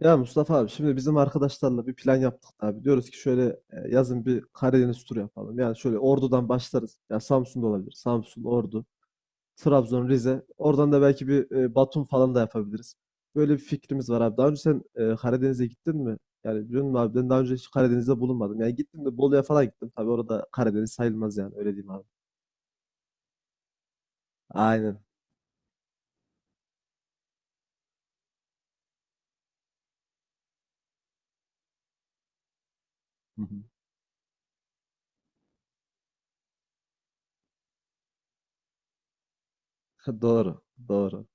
Ya Mustafa abi, şimdi bizim arkadaşlarla bir plan yaptık abi. Diyoruz ki şöyle, yazın bir Karadeniz turu yapalım. Yani şöyle Ordu'dan başlarız. Ya Samsun'da olabilir. Samsun, Ordu, Trabzon, Rize. Oradan da belki bir Batum falan da yapabiliriz. Böyle bir fikrimiz var abi. Daha önce sen Karadeniz'e gittin mi? Yani biliyor musun abi, ben daha önce hiç Karadeniz'de bulunmadım. Yani gittim de Bolu'ya falan gittim. Tabii orada Karadeniz sayılmaz, yani öyle diyeyim abi. Aynen. Hı hı. Doğru, doğru.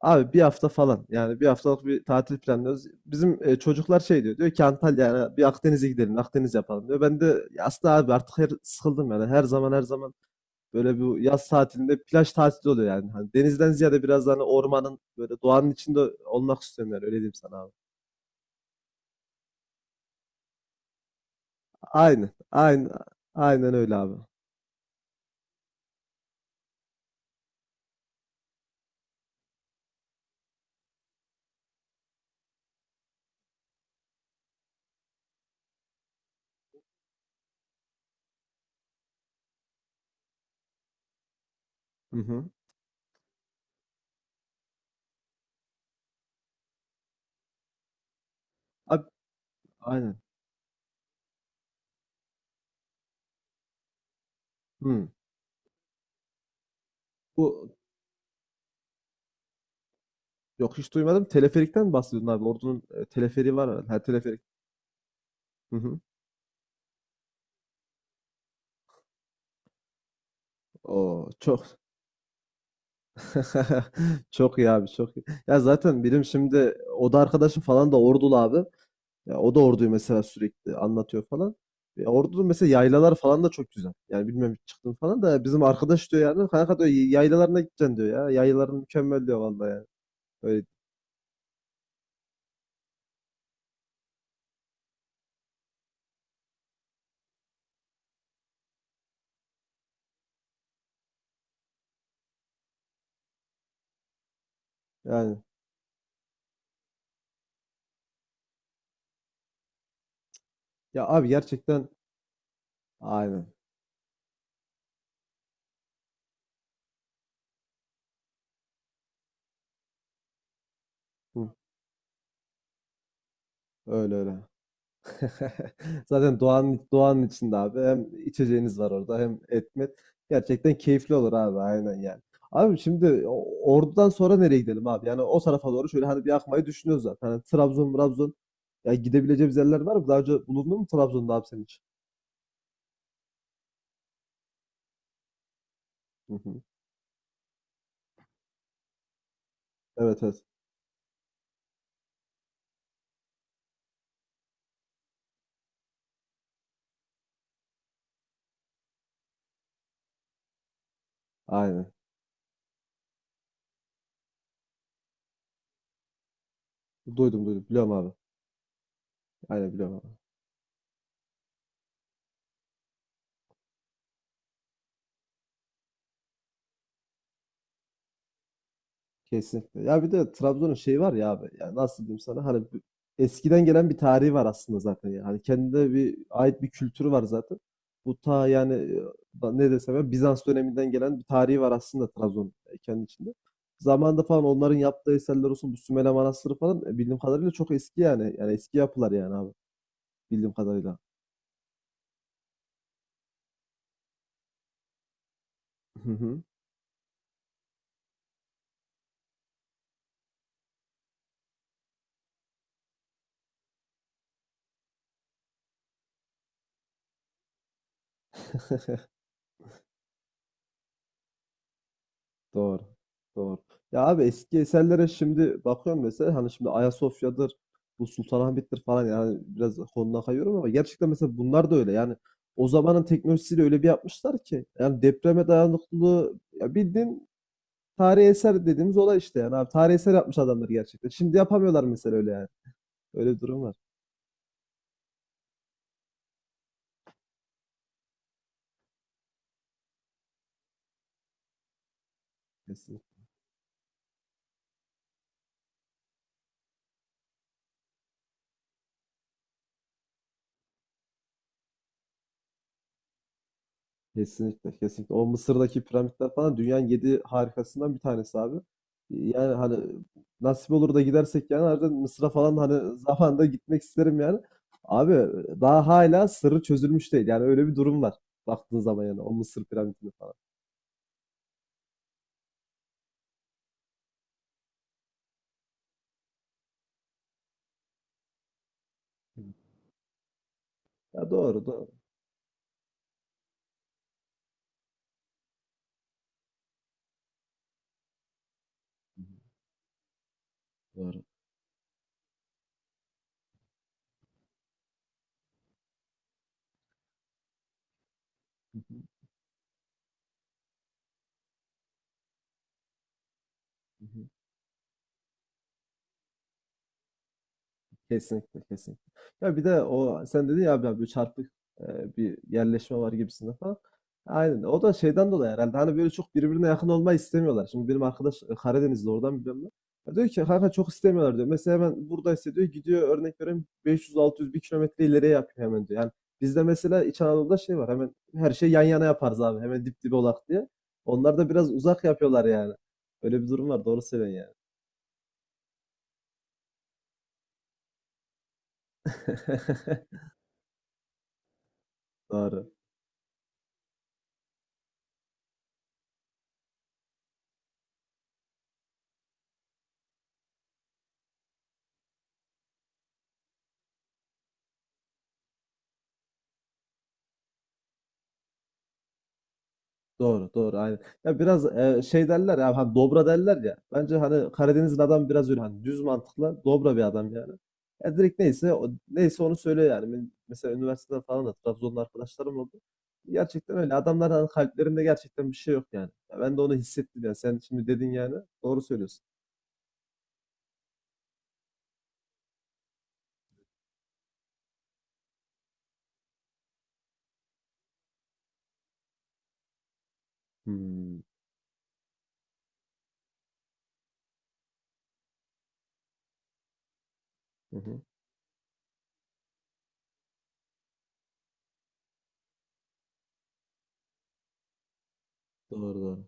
Abi bir hafta falan, yani bir haftalık bir tatil planlıyoruz. Bizim çocuklar şey diyor ki Antalya, yani bir Akdeniz'e gidelim, Akdeniz yapalım diyor. Ben de "Ya aslında abi, artık sıkıldım yani, her zaman her zaman böyle bu yaz tatilinde plaj tatili oluyor yani. Hani denizden ziyade biraz daha hani ormanın, böyle doğanın içinde olmak istiyorum, yani öyle diyeyim sana abi. Aynen, aynen, aynen öyle abi. Hı hı. Abi, aynen. Hı. Bu Yok, hiç duymadım, teleferikten mi bahsediyorsun abi? Ordu'nun teleferiği var herhalde. Ha, teleferik. Hı hı. O çok çok iyi abi, çok iyi. Ya zaten benim şimdi o da arkadaşım falan da Ordulu abi. Ya o da Ordu'yu mesela sürekli anlatıyor falan. Ordu'nun mesela yaylalar falan da çok güzel. Yani bilmem hiç çıktın falan da, bizim arkadaş diyor yani, kanka diyor, yaylalarına gideceksin diyor ya. Yaylaların mükemmel diyor vallahi yani. Öyle yani. Ya abi gerçekten, aynen. Hı, öyle öyle. Zaten doğanın, içinde abi. Hem içeceğiniz var orada, hem etmet. Gerçekten keyifli olur abi, aynen yani. Abi şimdi Ordu'dan sonra nereye gidelim abi? Yani o tarafa doğru şöyle hani bir akmayı düşünüyoruz zaten. Hani Trabzon, Trabzon. Ya gidebileceğimiz yerler var mı? Daha önce bulundun mu Trabzon'da abi sen hiç? Hı hı. Evet, evet. Aynen. Duydum, duydum. Biliyorum abi. Aynen, biliyorum abi. Kesinlikle. Ya bir de Trabzon'un şeyi var ya abi. Yani nasıl diyeyim sana? Hani eskiden gelen bir tarihi var aslında zaten. Yani, hani kendine bir ait bir kültürü var zaten. Bu ta yani ne desem ya, Bizans döneminden gelen bir tarihi var aslında Trabzon kendi içinde. Zamanında falan onların yaptığı eserler olsun, bu Sümele Manastırı falan bildiğim kadarıyla çok eski yani. Yani eski yapılar yani abi, bildiğim kadarıyla. Hı hı. Doğru. Doğru. Ya abi, eski eserlere şimdi bakıyorum mesela, hani şimdi Ayasofya'dır, bu Sultanahmet'tir falan, yani biraz konudan kayıyorum ama gerçekten mesela bunlar da öyle. Yani o zamanın teknolojisiyle öyle bir yapmışlar ki, yani depreme dayanıklılığı, ya bildiğin tarihi eser dediğimiz olay işte, yani abi tarihi eser yapmış adamlar gerçekten. Şimdi yapamıyorlar mesela, öyle yani. Öyle bir durum var. Kesinlikle. Kesinlikle, kesinlikle. O Mısır'daki piramitler falan dünyanın yedi harikasından bir tanesi abi. Yani hani nasip olur da gidersek yani, harbiden Mısır'a falan hani zamanında gitmek isterim yani. Abi daha hala sırrı çözülmüş değil. Yani öyle bir durum var. Baktığın zaman yani o Mısır piramitini falan. Ya doğru, doğru. Doğru. Hı hı. Hı hı. Kesinlikle, kesinlikle. Ya bir de o sen dedin ya abi, abi çarpık bir yerleşme var gibisinde falan. Aynen. O da şeyden dolayı herhalde. Hani böyle çok birbirine yakın olmayı istemiyorlar. Şimdi benim arkadaş Karadenizli, oradan biliyorum ben. Ya diyor ki kanka, çok istemiyorlar diyor. Mesela hemen buradaysa diyor, gidiyor örnek vereyim 500-600 bir kilometre ileriye yapıyor hemen diyor. Yani bizde mesela İç Anadolu'da şey var, hemen her şey yan yana yaparız abi. Hemen dip dibe olak diye. Onlar da biraz uzak yapıyorlar yani. Öyle bir durum var. Doğru söylüyorsun yani. Doğru. Doğru, doğru, aynen. Ya biraz şey derler ya, hani dobra derler ya. Bence hani Karadeniz'in adam biraz öyle hani düz mantıklı, dobra bir adam yani. Ya direkt neyse neyse onu söylüyor yani. Ben mesela üniversiteden falan da Trabzonlu arkadaşlarım oldu. Gerçekten öyle. Adamlar hani kalplerinde gerçekten bir şey yok yani. Ya ben de onu hissettim yani. Sen şimdi dedin yani. Doğru söylüyorsun. Hmm. Hı hı. Doğru, doğru.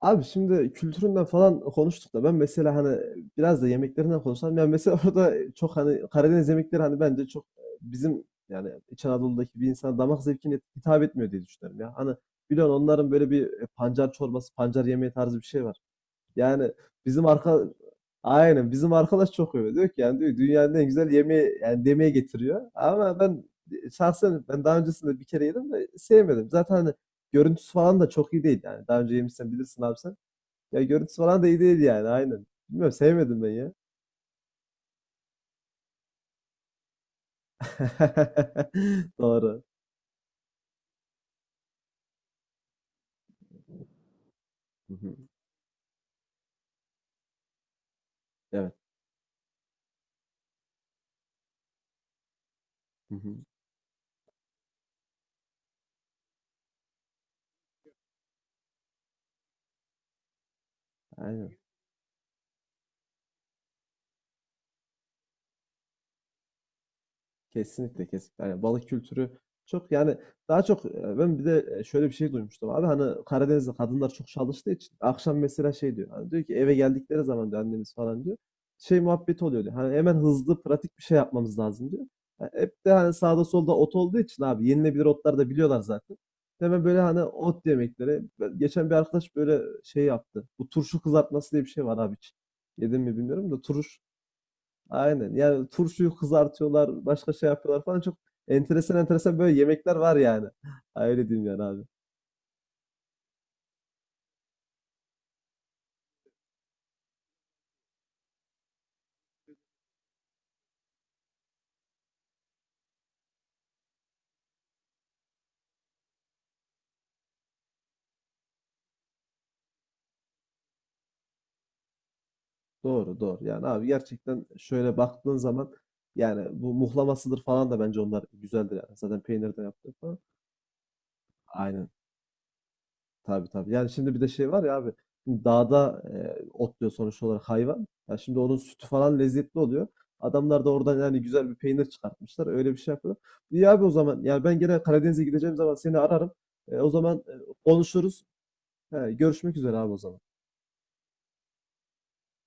Abi şimdi kültüründen falan konuştuk da, ben mesela hani biraz da yemeklerinden konuşalım. Yani mesela orada çok hani Karadeniz yemekleri hani bence çok bizim yani İç Anadolu'daki bir insan damak zevkine hitap etmiyor diye düşünüyorum ya. Hani biliyorsun onların böyle bir pancar çorbası, pancar yemeği tarzı bir şey var. Yani bizim arka aynen bizim arkadaş çok öyle diyor ki, yani diyor dünyanın en güzel yemeği yani demeye getiriyor. Ama ben şahsen ben daha öncesinde bir kere yedim de sevmedim. Zaten hani görüntüsü falan da çok iyi değil yani. Daha önce yemişsen bilirsin abi sen. Ya görüntüsü falan da iyi değil yani, aynen. Bilmiyorum, sevmedim ben ya. Doğru. Hı hı. Evet. Hı hı. Aynen. Kesinlikle, kesinlikle. Yani balık kültürü çok yani, daha çok ben bir de şöyle bir şey duymuştum abi, hani Karadeniz'de kadınlar çok çalıştığı için akşam mesela şey diyor hani, diyor ki eve geldikleri zaman diyor annemiz falan diyor şey muhabbeti oluyor diyor. Hani hemen hızlı pratik bir şey yapmamız lazım diyor. Ha, hep de hani sağda solda ot olduğu için abi, yenilebilir otlar da biliyorlar zaten. Hemen böyle hani ot yemekleri. Geçen bir arkadaş böyle şey yaptı. Bu turşu kızartması diye bir şey var abi, hiç yedim mi bilmiyorum da, aynen. Yani turşuyu kızartıyorlar, başka şey yapıyorlar falan. Çok enteresan enteresan böyle yemekler var yani. Ha, öyle diyeyim yani abi. Doğru, doğru. Yani abi gerçekten şöyle baktığın zaman yani bu muhlamasıdır falan da bence onlar güzeldir yani. Zaten peynirden yaptığı falan. Aynen. Tabii, tabii. Yani şimdi bir de şey var ya abi. Şimdi dağda otluyor sonuç olarak hayvan. Ya şimdi onun sütü falan lezzetli oluyor. Adamlar da oradan yani güzel bir peynir çıkartmışlar. Öyle bir şey yapıyorlar. İyi abi, o zaman. Yani ben gene Karadeniz'e gideceğim zaman seni ararım. E, o zaman konuşuruz. He, görüşmek üzere abi, o zaman.